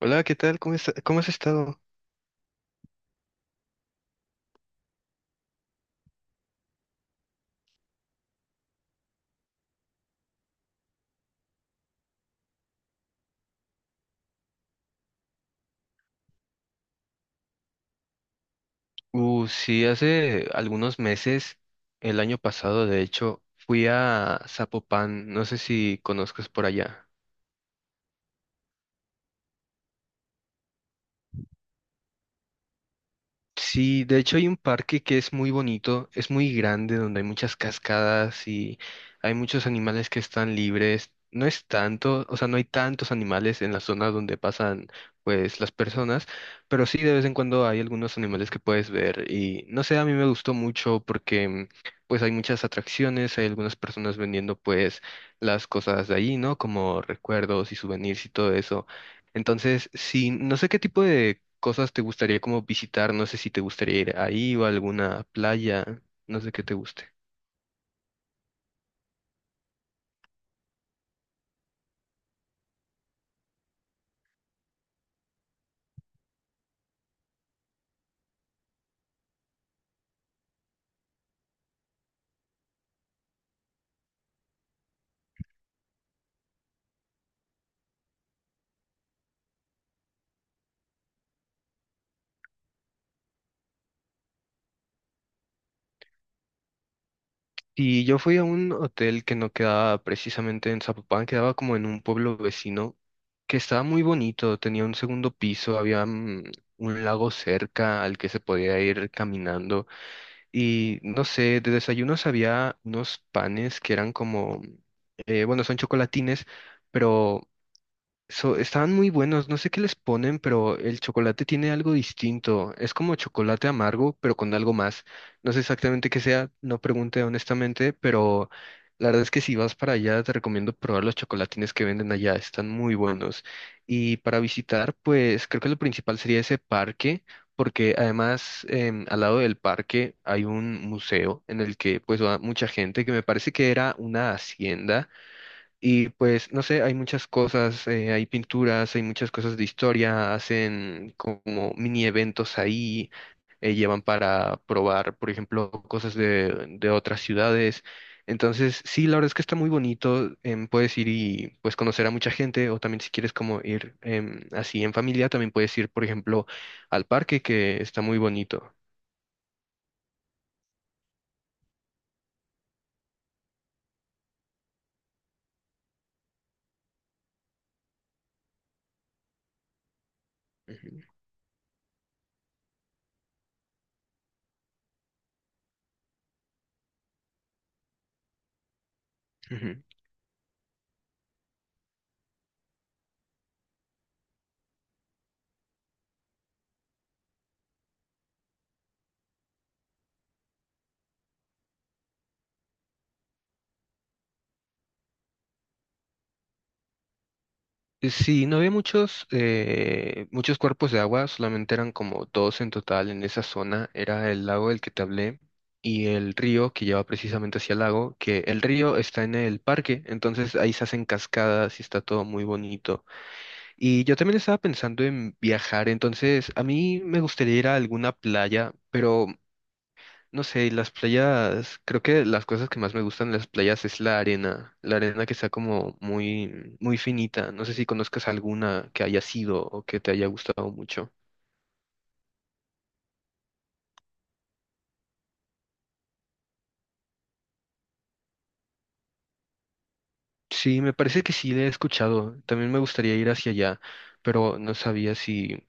Hola, ¿qué tal? ¿Cómo has estado? Sí, hace algunos meses, el año pasado, de hecho, fui a Zapopan, no sé si conozcas por allá. Sí, de hecho hay un parque que es muy bonito, es muy grande, donde hay muchas cascadas y hay muchos animales que están libres. No es tanto, o sea, no hay tantos animales en la zona donde pasan, pues, las personas, pero sí de vez en cuando hay algunos animales que puedes ver y no sé, a mí me gustó mucho porque, pues, hay muchas atracciones, hay algunas personas vendiendo, pues, las cosas de allí, ¿no? Como recuerdos y souvenirs y todo eso. Entonces, sí, no sé qué tipo de cosas te gustaría como visitar, no sé si te gustaría ir ahí o a alguna playa, no sé qué te guste. Y yo fui a un hotel que no quedaba precisamente en Zapopan, quedaba como en un pueblo vecino que estaba muy bonito, tenía un segundo piso, había un lago cerca al que se podía ir caminando y no sé, de desayunos había unos panes que eran como, bueno, son chocolatines, pero estaban muy buenos, no sé qué les ponen, pero el chocolate tiene algo distinto. Es como chocolate amargo, pero con algo más. No sé exactamente qué sea, no pregunté honestamente, pero la verdad es que si vas para allá, te recomiendo probar los chocolatines que venden allá, están muy buenos. Y para visitar, pues creo que lo principal sería ese parque, porque además al lado del parque hay un museo en el que pues va mucha gente, que me parece que era una hacienda y pues, no sé, hay muchas cosas, hay pinturas, hay muchas cosas de historia, hacen como mini eventos ahí, llevan para probar, por ejemplo, cosas de otras ciudades. Entonces, sí, la verdad es que está muy bonito, puedes ir y pues conocer a mucha gente, o también si quieres como ir así en familia, también puedes ir, por ejemplo, al parque, que está muy bonito. Ujú. Sí, no había muchos, muchos cuerpos de agua, solamente eran como dos en total en esa zona. Era el lago del que te hablé y el río que lleva precisamente hacia el lago, que el río está en el parque, entonces ahí se hacen cascadas y está todo muy bonito. Y yo también estaba pensando en viajar, entonces a mí me gustaría ir a alguna playa, pero no sé, y las playas, creo que las cosas que más me gustan de las playas es la arena que está como muy, muy finita. No sé si conozcas alguna que haya sido o que te haya gustado mucho. Sí, me parece que sí le he escuchado. También me gustaría ir hacia allá, pero no sabía si,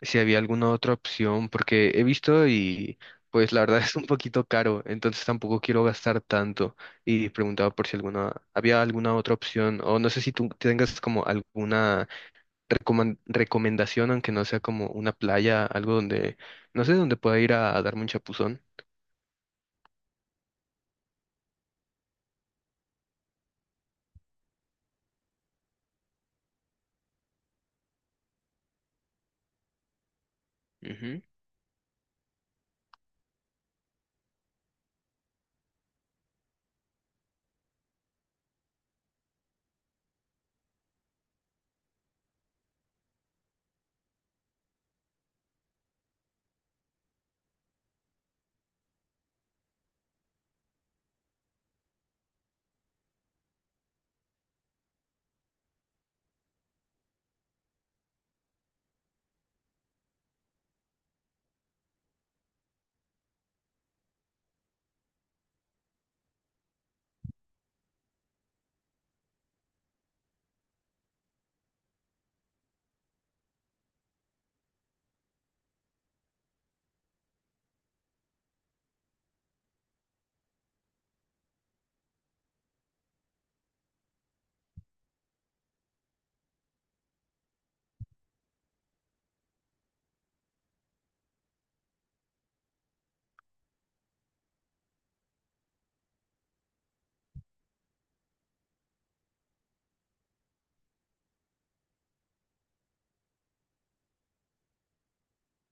si había alguna otra opción, porque he visto y pues la verdad es un poquito caro, entonces tampoco quiero gastar tanto. Y preguntaba por si alguna, había alguna otra opción, o no sé si tú tengas como alguna recomendación, aunque no sea como una playa, algo donde, no sé, donde pueda ir a darme un chapuzón. Ujú.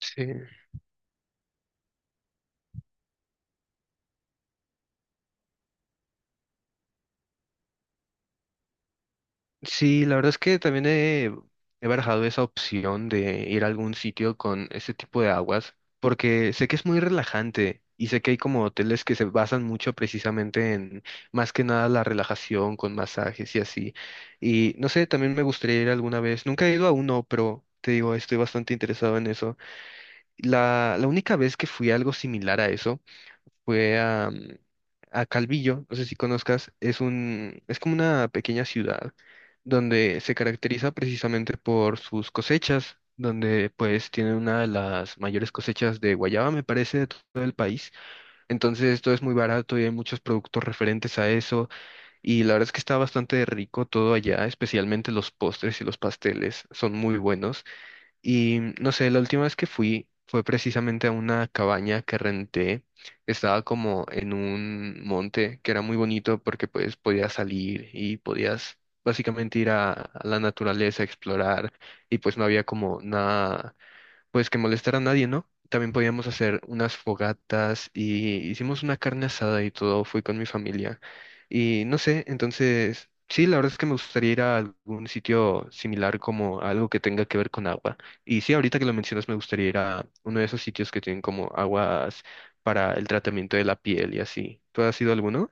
Sí. Sí, la verdad es que también he barajado esa opción de ir a algún sitio con este tipo de aguas, porque sé que es muy relajante y sé que hay como hoteles que se basan mucho precisamente en más que nada la relajación con masajes y así. Y no sé, también me gustaría ir alguna vez. Nunca he ido a uno, pero te digo, estoy bastante interesado en eso. La única vez que fui a algo similar a eso fue a, a Calvillo, no sé si conozcas, es como una pequeña ciudad donde se caracteriza precisamente por sus cosechas, donde pues tienen una de las mayores cosechas de guayaba, me parece, de todo el país. Entonces esto es muy barato y hay muchos productos referentes a eso y la verdad es que está bastante rico todo allá, especialmente los postres y los pasteles son muy buenos. Y no sé, la última vez que fui fue precisamente a una cabaña que renté. Estaba como en un monte que era muy bonito porque pues podías salir y podías básicamente ir a la naturaleza a explorar y pues no había como nada pues que molestar a nadie, ¿no? También podíamos hacer unas fogatas y hicimos una carne asada y todo, fui con mi familia. Y no sé, entonces, sí, la verdad es que me gustaría ir a algún sitio similar como algo que tenga que ver con agua. Y sí, ahorita que lo mencionas, me gustaría ir a uno de esos sitios que tienen como aguas para el tratamiento de la piel y así. ¿Tú has ido a alguno?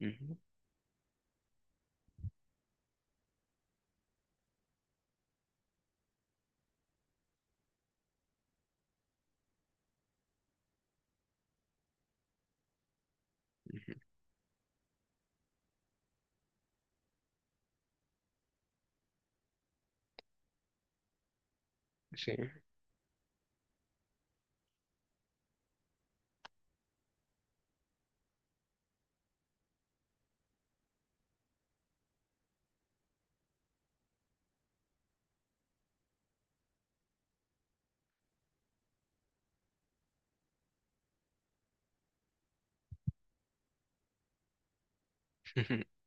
Ujú, Sí,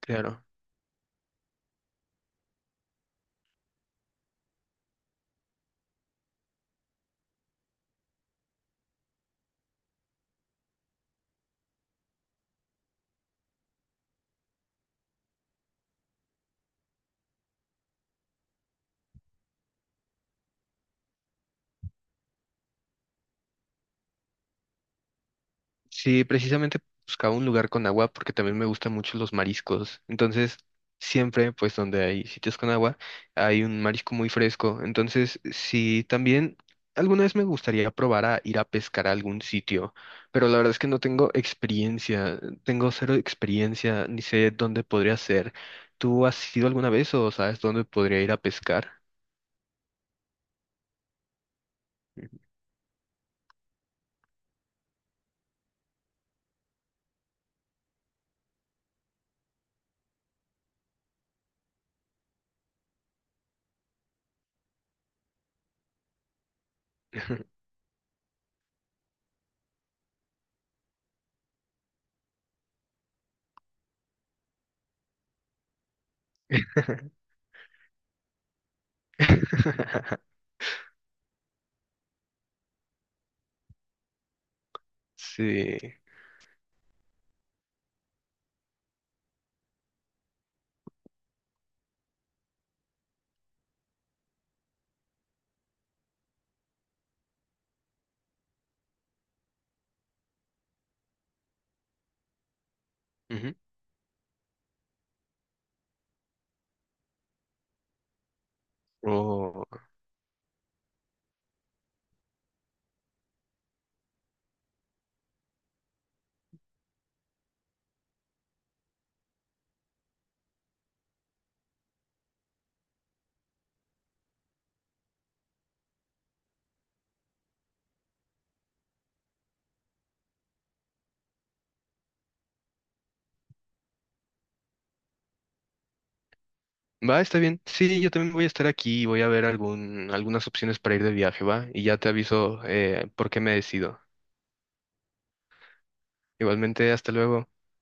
claro. Sí, precisamente buscaba un lugar con agua porque también me gustan mucho los mariscos. Entonces, siempre, pues donde hay sitios con agua, hay un marisco muy fresco. Entonces, sí, también alguna vez me gustaría probar a ir a pescar a algún sitio, pero la verdad es que no tengo experiencia, tengo cero experiencia, ni sé dónde podría ser. ¿Tú has ido alguna vez o sabes dónde podría ir a pescar? Sí. Ujú. O- Va, está bien. Sí, yo también voy a estar aquí y voy a ver algún, algunas opciones para ir de viaje, ¿va? Y ya te aviso por qué me decido. Igualmente, hasta luego.